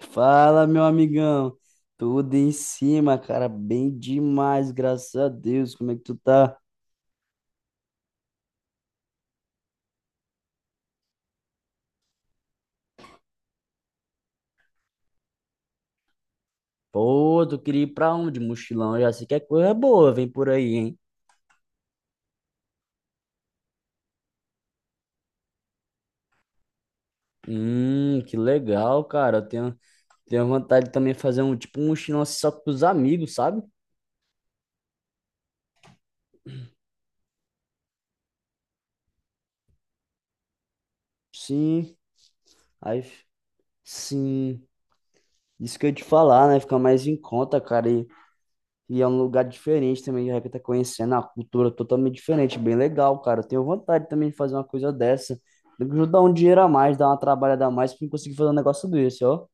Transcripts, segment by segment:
Fala, meu amigão. Tudo em cima, cara. Bem demais, graças a Deus. Como é que tu tá? Pô, tu queria ir pra onde, mochilão? Eu já sei que é coisa boa, vem por aí, hein? Que legal, cara. Eu tenho vontade de também de fazer um tipo um mochilão assim só com os amigos, sabe? Sim, aí, sim. Isso que eu ia te falar, né? Fica mais em conta, cara. E é um lugar diferente também, de repente tá conhecendo a cultura totalmente diferente, bem legal, cara. Eu tenho vontade também de fazer uma coisa dessa. Tem que ajudar um dinheiro a mais, dar uma trabalhada a mais pra eu conseguir fazer um negócio desse, ó.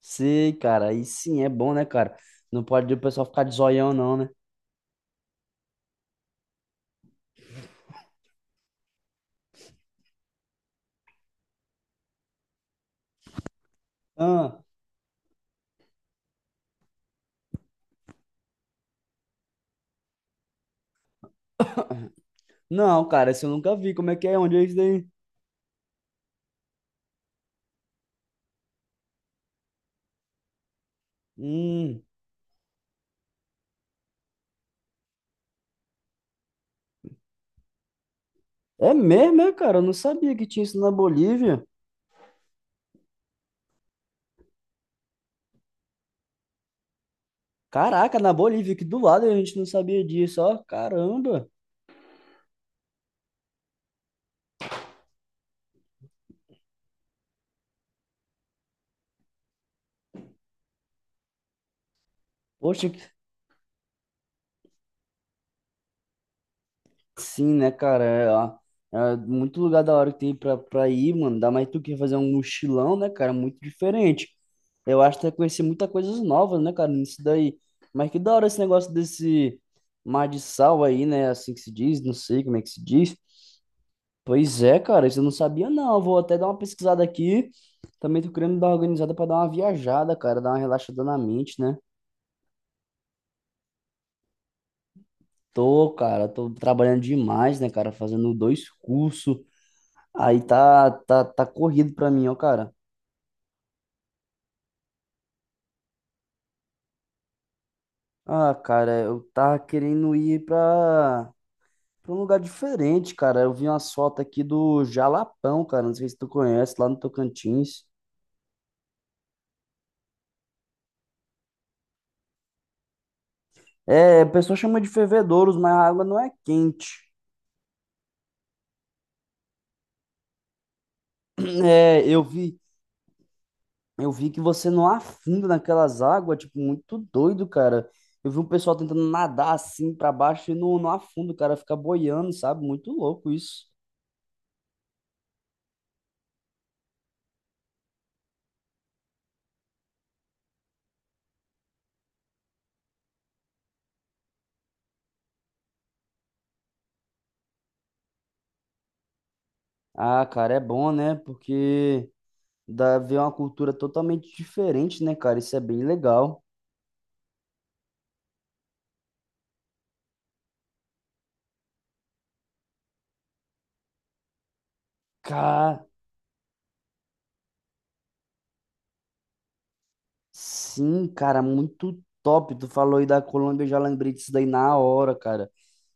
Sei, cara, aí sim é bom, né, cara? Não pode o pessoal ficar de zoião, não, né? Ah, não, cara, isso eu nunca vi. Como é que é? Onde é isso daí? Hum, é mesmo, é, cara? Eu não sabia que tinha isso na Bolívia. Caraca, na Bolívia, aqui do lado a gente não sabia disso, ó. Caramba. Poxa, sim, né, cara? É, ó, é muito lugar da hora que tem pra ir, mano. Dá mais tu quer fazer um mochilão, né, cara? Muito diferente. Eu acho que vai conhecer muitas coisas novas, né, cara, nisso daí. Mas que da hora esse negócio desse mar de sal aí, né? Assim que se diz, não sei como é que se diz. Pois é, cara, isso eu não sabia, não. Eu vou até dar uma pesquisada aqui. Também tô querendo dar uma organizada pra dar uma viajada, cara, dar uma relaxada na mente, né? Tô, cara, tô trabalhando demais, né, cara? Fazendo dois cursos. Aí tá corrido pra mim, ó, cara. Ah, cara, eu tava querendo ir pra um lugar diferente, cara. Eu vi umas fotos aqui do Jalapão, cara. Não sei se tu conhece, lá no Tocantins. É, o pessoal chama de fervedouros, mas a água não é quente. É, eu vi que você não afunda naquelas águas, tipo, muito doido, cara. Eu vi um pessoal tentando nadar assim pra baixo e não afunda, o cara fica boiando, sabe? Muito louco isso. Ah, cara, é bom, né? Porque. Dá ver uma cultura totalmente diferente, né, cara? Isso é bem legal. Cara, sim, cara, muito top. Tu falou aí da Colômbia, eu já lembrei disso daí na hora, cara.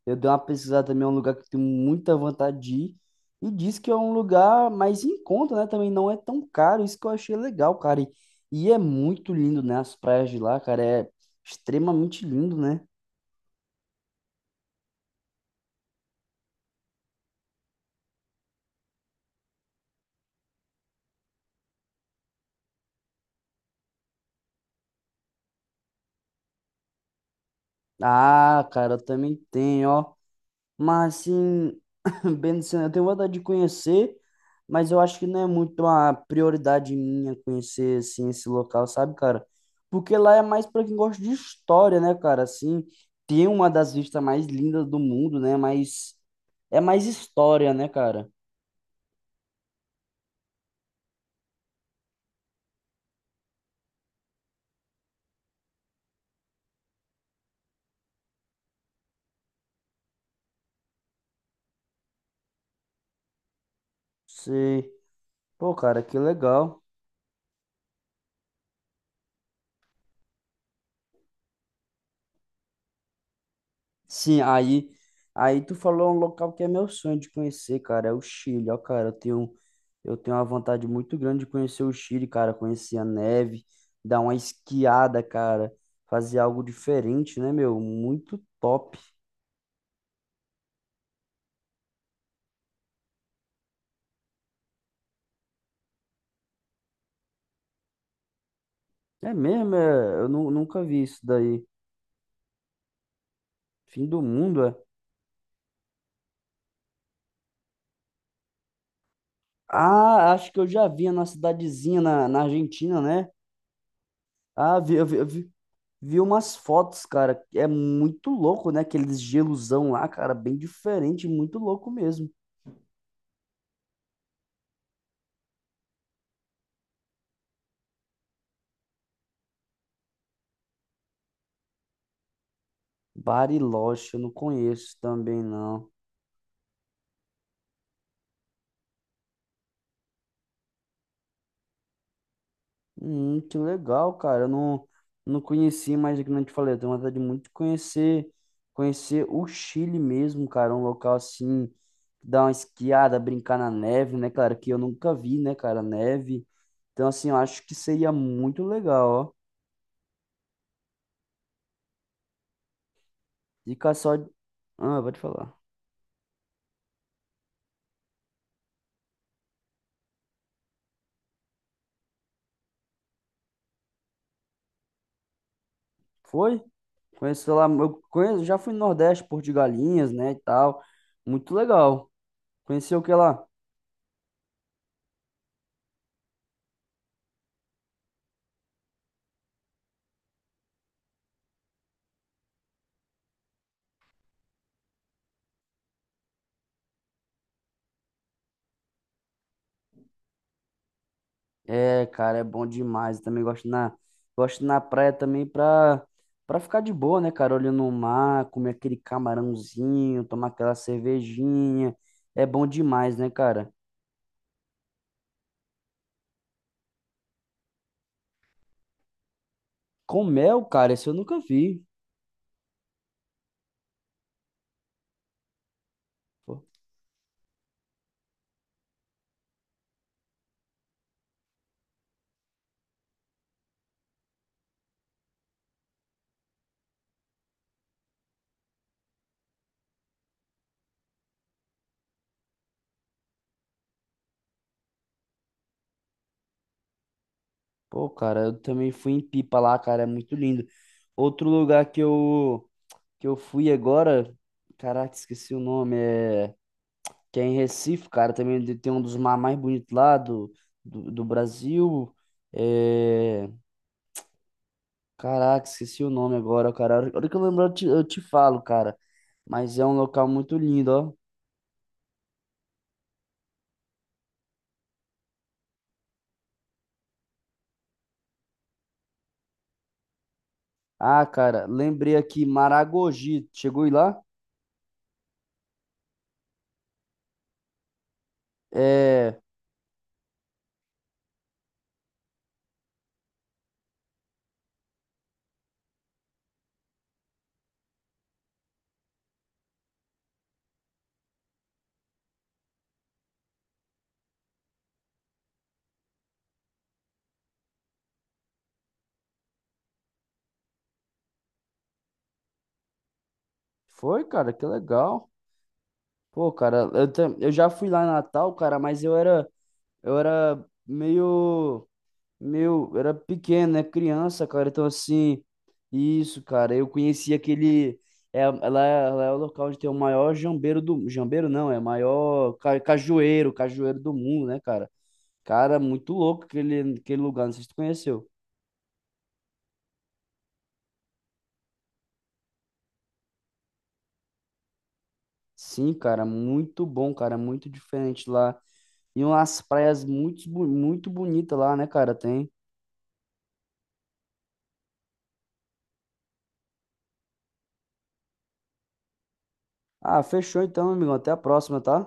Eu dei uma pesquisada também, é um lugar que eu tenho muita vontade de ir. E diz que é um lugar mais em conta, né? Também não é tão caro, isso que eu achei legal, cara. E é muito lindo, né? As praias de lá, cara, é extremamente lindo, né? Ah, cara, eu também tenho, ó. Mas assim, bem, assim, eu tenho vontade de conhecer, mas eu acho que não é muito uma prioridade minha conhecer assim esse local, sabe, cara? Porque lá é mais para quem gosta de história, né, cara? Assim, tem uma das vistas mais lindas do mundo, né? Mas é mais história, né, cara? Sei. Pô, cara, que legal. Sim, aí, aí tu falou um local que é meu sonho de conhecer, cara, é o Chile, ó, cara, eu tenho uma vontade muito grande de conhecer o Chile, cara, conhecer a neve, dar uma esquiada, cara, fazer algo diferente, né, meu? Muito top. É mesmo, é, nunca vi isso daí. Fim do mundo, é? Ah, acho que eu já vi na cidadezinha na Argentina, né? Ah, vi, eu vi umas fotos, cara, é muito louco, né? Aqueles gelosão lá, cara, bem diferente, muito louco mesmo. Bariloche, eu não conheço também, não. Que legal, cara, eu não, não conheci, mas é que nem eu te falei, eu tenho vontade muito de conhecer o Chile mesmo, cara, um local assim, dar uma esquiada, brincar na neve, né, cara, que eu nunca vi, né, cara, neve. Então, assim, eu acho que seria muito legal, ó. Fica só... Ah, pode falar. Foi? Conheço lá, eu conheço, já fui no Nordeste, Porto de Galinhas, né, e tal. Muito legal. Conheceu o que lá? É, cara, é bom demais. Eu também gosto na praia também pra ficar de boa, né, cara? Olhando o mar, comer aquele camarãozinho, tomar aquela cervejinha. É bom demais, né, cara? Com mel, cara, esse eu nunca vi. Pô, pô, cara, eu também fui em Pipa lá, cara, é muito lindo. Outro lugar que eu fui agora, caraca, esqueci o nome, é. Que é em Recife, cara, também tem um dos mares mais bonitos lá do Brasil. É... Caraca, esqueci o nome agora, cara. A hora que eu lembrar, eu te falo, cara. Mas é um local muito lindo, ó. Ah, cara, lembrei aqui, Maragogi. Chegou aí lá? É. Foi, cara, que legal. Pô, cara, eu, eu já fui lá em Natal, cara, mas eu era meio meu, era pequeno, né? Criança, cara. Então, assim, isso, cara. Eu conheci aquele. É, ela, é lá é o local onde tem o maior jambeiro do. Jambeiro não, é o maior cajueiro, cajueiro do mundo, né, cara? Cara, muito louco aquele lugar. Não sei se tu conheceu. Sim, cara, muito bom, cara. Muito diferente lá. E umas praias muito, muito bonitas lá, né, cara? Tem. Ah, fechou então, meu amigo. Até a próxima, tá?